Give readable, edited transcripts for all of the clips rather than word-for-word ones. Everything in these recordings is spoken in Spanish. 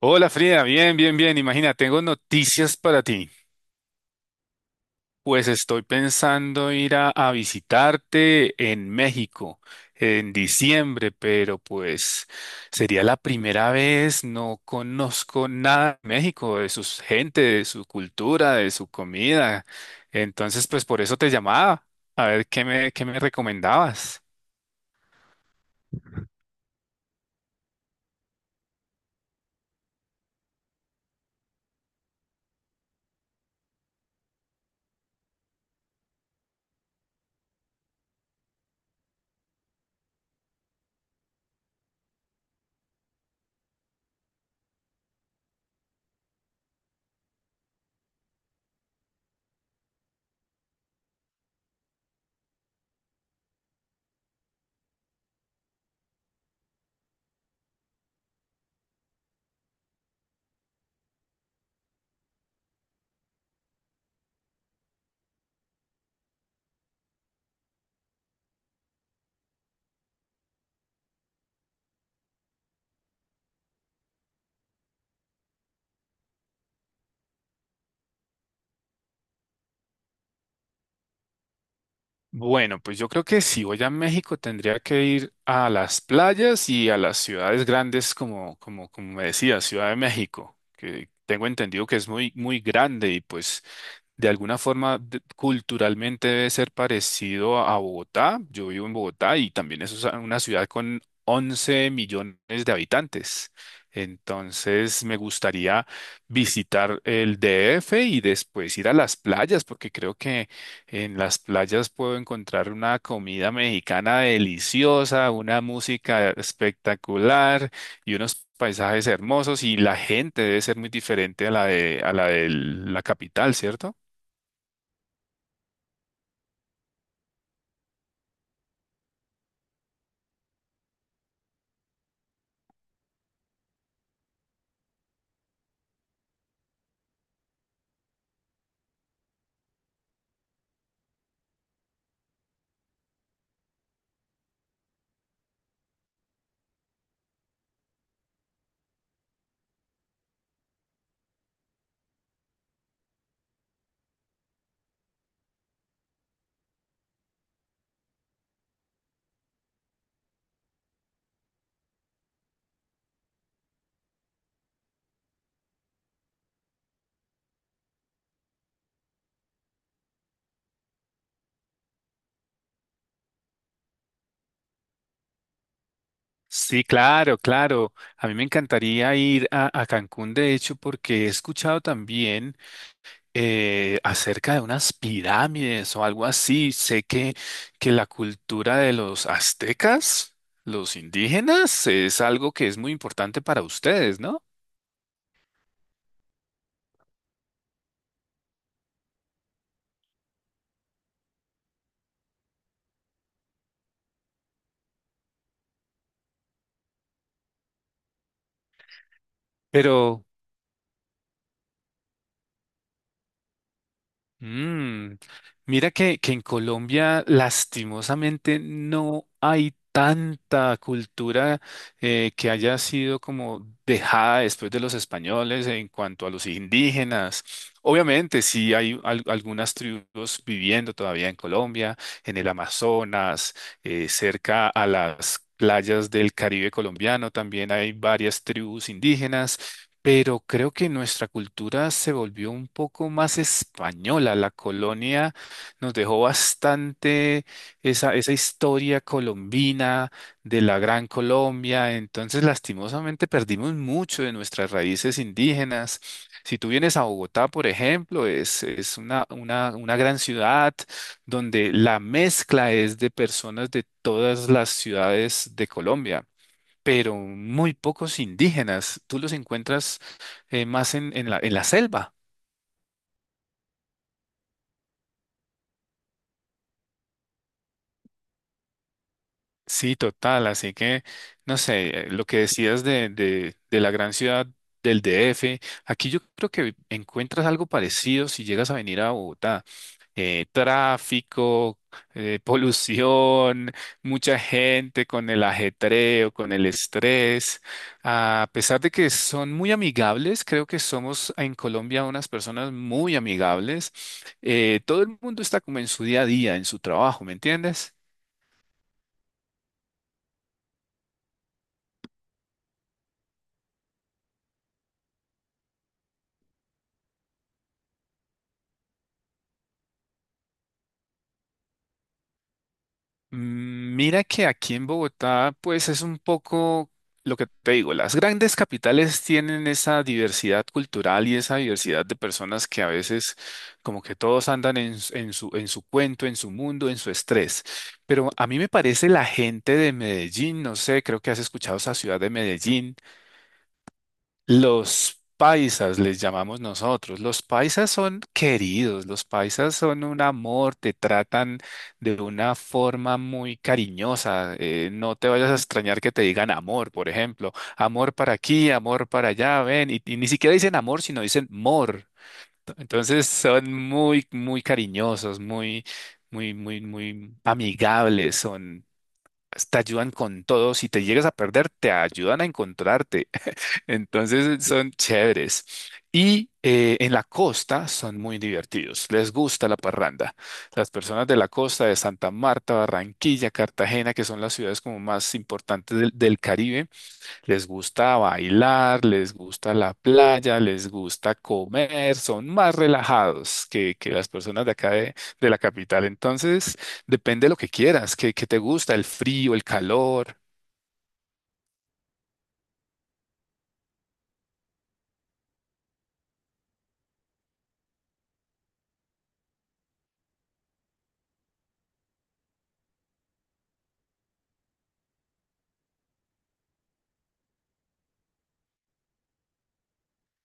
Hola Frida, bien, bien, bien. Imagina, tengo noticias para ti. Pues estoy pensando ir a visitarte en México en diciembre, pero pues sería la primera vez, no conozco nada de México, de su gente, de su cultura, de su comida. Entonces, pues por eso te llamaba, a ver qué me recomendabas. Bueno, pues yo creo que si voy a México tendría que ir a las playas y a las ciudades grandes como me decía, Ciudad de México, que tengo entendido que es muy, muy grande y pues de alguna forma, culturalmente debe ser parecido a Bogotá. Yo vivo en Bogotá y también es una ciudad con 11 millones de habitantes. Entonces, me gustaría visitar el DF y después ir a las playas, porque creo que en las playas puedo encontrar una comida mexicana deliciosa, una música espectacular y unos paisajes hermosos y la gente debe ser muy diferente a la de la capital, ¿cierto? Sí, claro, claro. A mí me encantaría ir a Cancún, de hecho, porque he escuchado también acerca de unas pirámides o algo así. Sé que la cultura de los aztecas, los indígenas, es algo que es muy importante para ustedes, ¿no? Pero Mm, mira que en Colombia lastimosamente no hay tanta cultura que haya sido como dejada después de los españoles en cuanto a los indígenas. Obviamente sí hay algunas tribus viviendo todavía en Colombia, en el Amazonas, cerca a las playas del Caribe colombiano también hay varias tribus indígenas pero creo que nuestra cultura se volvió un poco más española. La colonia nos dejó bastante esa historia colombina de la Gran Colombia. Entonces, lastimosamente, perdimos mucho de nuestras raíces indígenas. Si tú vienes a Bogotá, por ejemplo, es una gran ciudad donde la mezcla es de personas de todas las ciudades de Colombia pero muy pocos indígenas. Tú los encuentras más en la selva. Sí, total. Así que, no sé, lo que decías de la gran ciudad del DF, aquí yo creo que encuentras algo parecido si llegas a venir a Bogotá. Tráfico, polución, mucha gente con el ajetreo, con el estrés. A pesar de que son muy amigables, creo que somos en Colombia unas personas muy amigables. Todo el mundo está como en su día a día, en su trabajo, ¿me entiendes? Mira que aquí en Bogotá, pues es un poco lo que te digo, las grandes capitales tienen esa diversidad cultural y esa diversidad de personas que a veces como que todos andan en su cuento, en su mundo, en su estrés. Pero a mí me parece la gente de Medellín, no sé, creo que has escuchado esa ciudad de Medellín. Los paisas les llamamos nosotros. Los paisas son queridos, los paisas son un amor, te tratan de una forma muy cariñosa. No te vayas a extrañar que te digan amor, por ejemplo. Amor para aquí, amor para allá, ven. Y ni siquiera dicen amor, sino dicen mor. Entonces son muy, muy cariñosos, muy, muy, muy, muy amigables, son, te ayudan con todo. Si te llegas a perder, te ayudan a encontrarte. Entonces son chéveres. Y en la costa son muy divertidos, les gusta la parranda. Las personas de la costa de Santa Marta, Barranquilla, Cartagena, que son las ciudades como más importantes del Caribe, les gusta bailar, les gusta la playa, les gusta comer, son más relajados que las personas de acá de la capital. Entonces, depende de lo que quieras, que te gusta, el frío, el calor.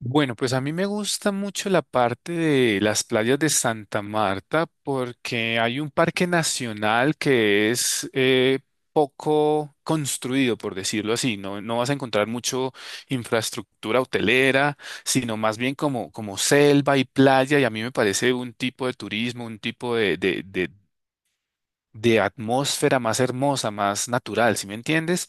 Bueno, pues a mí me gusta mucho la parte de las playas de Santa Marta porque hay un parque nacional que es poco construido, por decirlo así. No, no vas a encontrar mucho infraestructura hotelera, sino más bien como selva y playa. Y a mí me parece un tipo de turismo, un tipo de atmósfera más hermosa, más natural, ¿si me entiendes?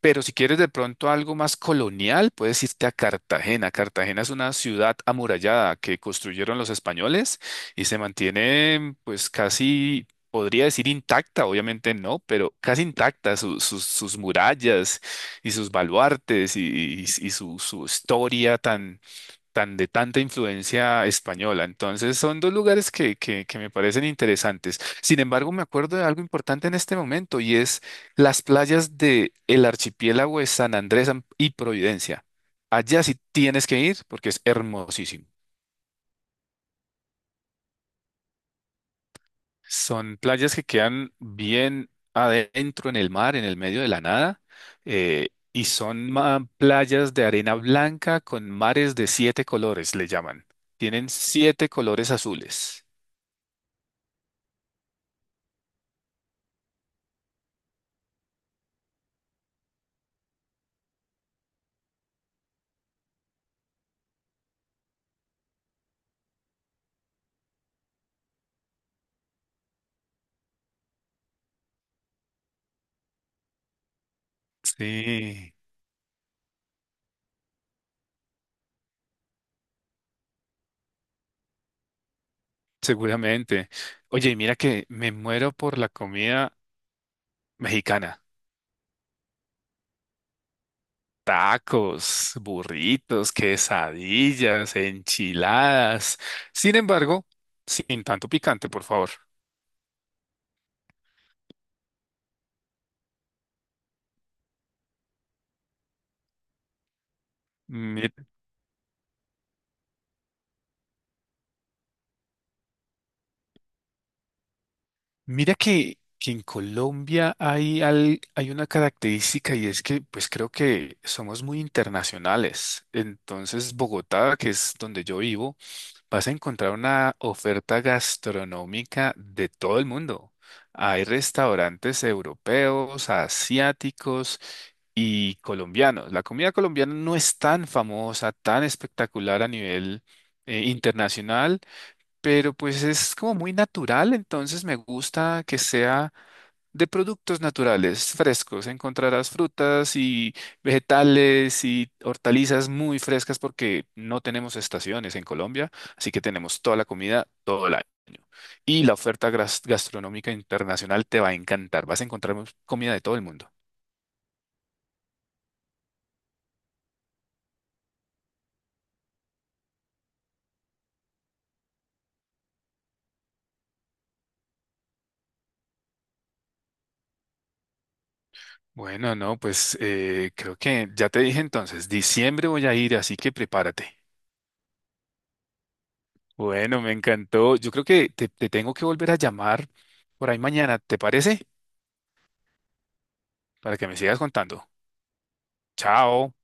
Pero si quieres de pronto algo más colonial, puedes irte a Cartagena. Cartagena es una ciudad amurallada que construyeron los españoles y se mantiene pues casi, podría decir intacta, obviamente no, pero casi intacta sus murallas y sus baluartes y su historia tan de tanta influencia española. Entonces, son dos lugares que me parecen interesantes. Sin embargo, me acuerdo de algo importante en este momento y es las playas de el archipiélago de San Andrés y Providencia. Allá sí tienes que ir porque es hermosísimo. Son playas que quedan bien adentro en el mar, en el medio de la nada, y son playas de arena blanca con mares de siete colores, le llaman. Tienen siete colores azules. Sí, seguramente. Oye, mira que me muero por la comida mexicana. Tacos, burritos, quesadillas, enchiladas. Sin embargo, sin tanto picante, por favor. Mira, mira que en Colombia hay una característica y es que pues creo que somos muy internacionales. Entonces, Bogotá, que es donde yo vivo, vas a encontrar una oferta gastronómica de todo el mundo. Hay restaurantes europeos, asiáticos y colombianos. La comida colombiana no es tan famosa, tan espectacular a nivel internacional, pero pues es como muy natural, entonces me gusta que sea de productos naturales frescos. Encontrarás frutas y vegetales y hortalizas muy frescas porque no tenemos estaciones en Colombia, así que tenemos toda la comida todo el año. Y la oferta gastronómica internacional te va a encantar. Vas a encontrar comida de todo el mundo. Bueno, no, pues creo que ya te dije entonces, diciembre voy a ir, así que prepárate. Bueno, me encantó. Yo creo que te tengo que volver a llamar por ahí mañana, ¿te parece? Para que me sigas contando. Chao.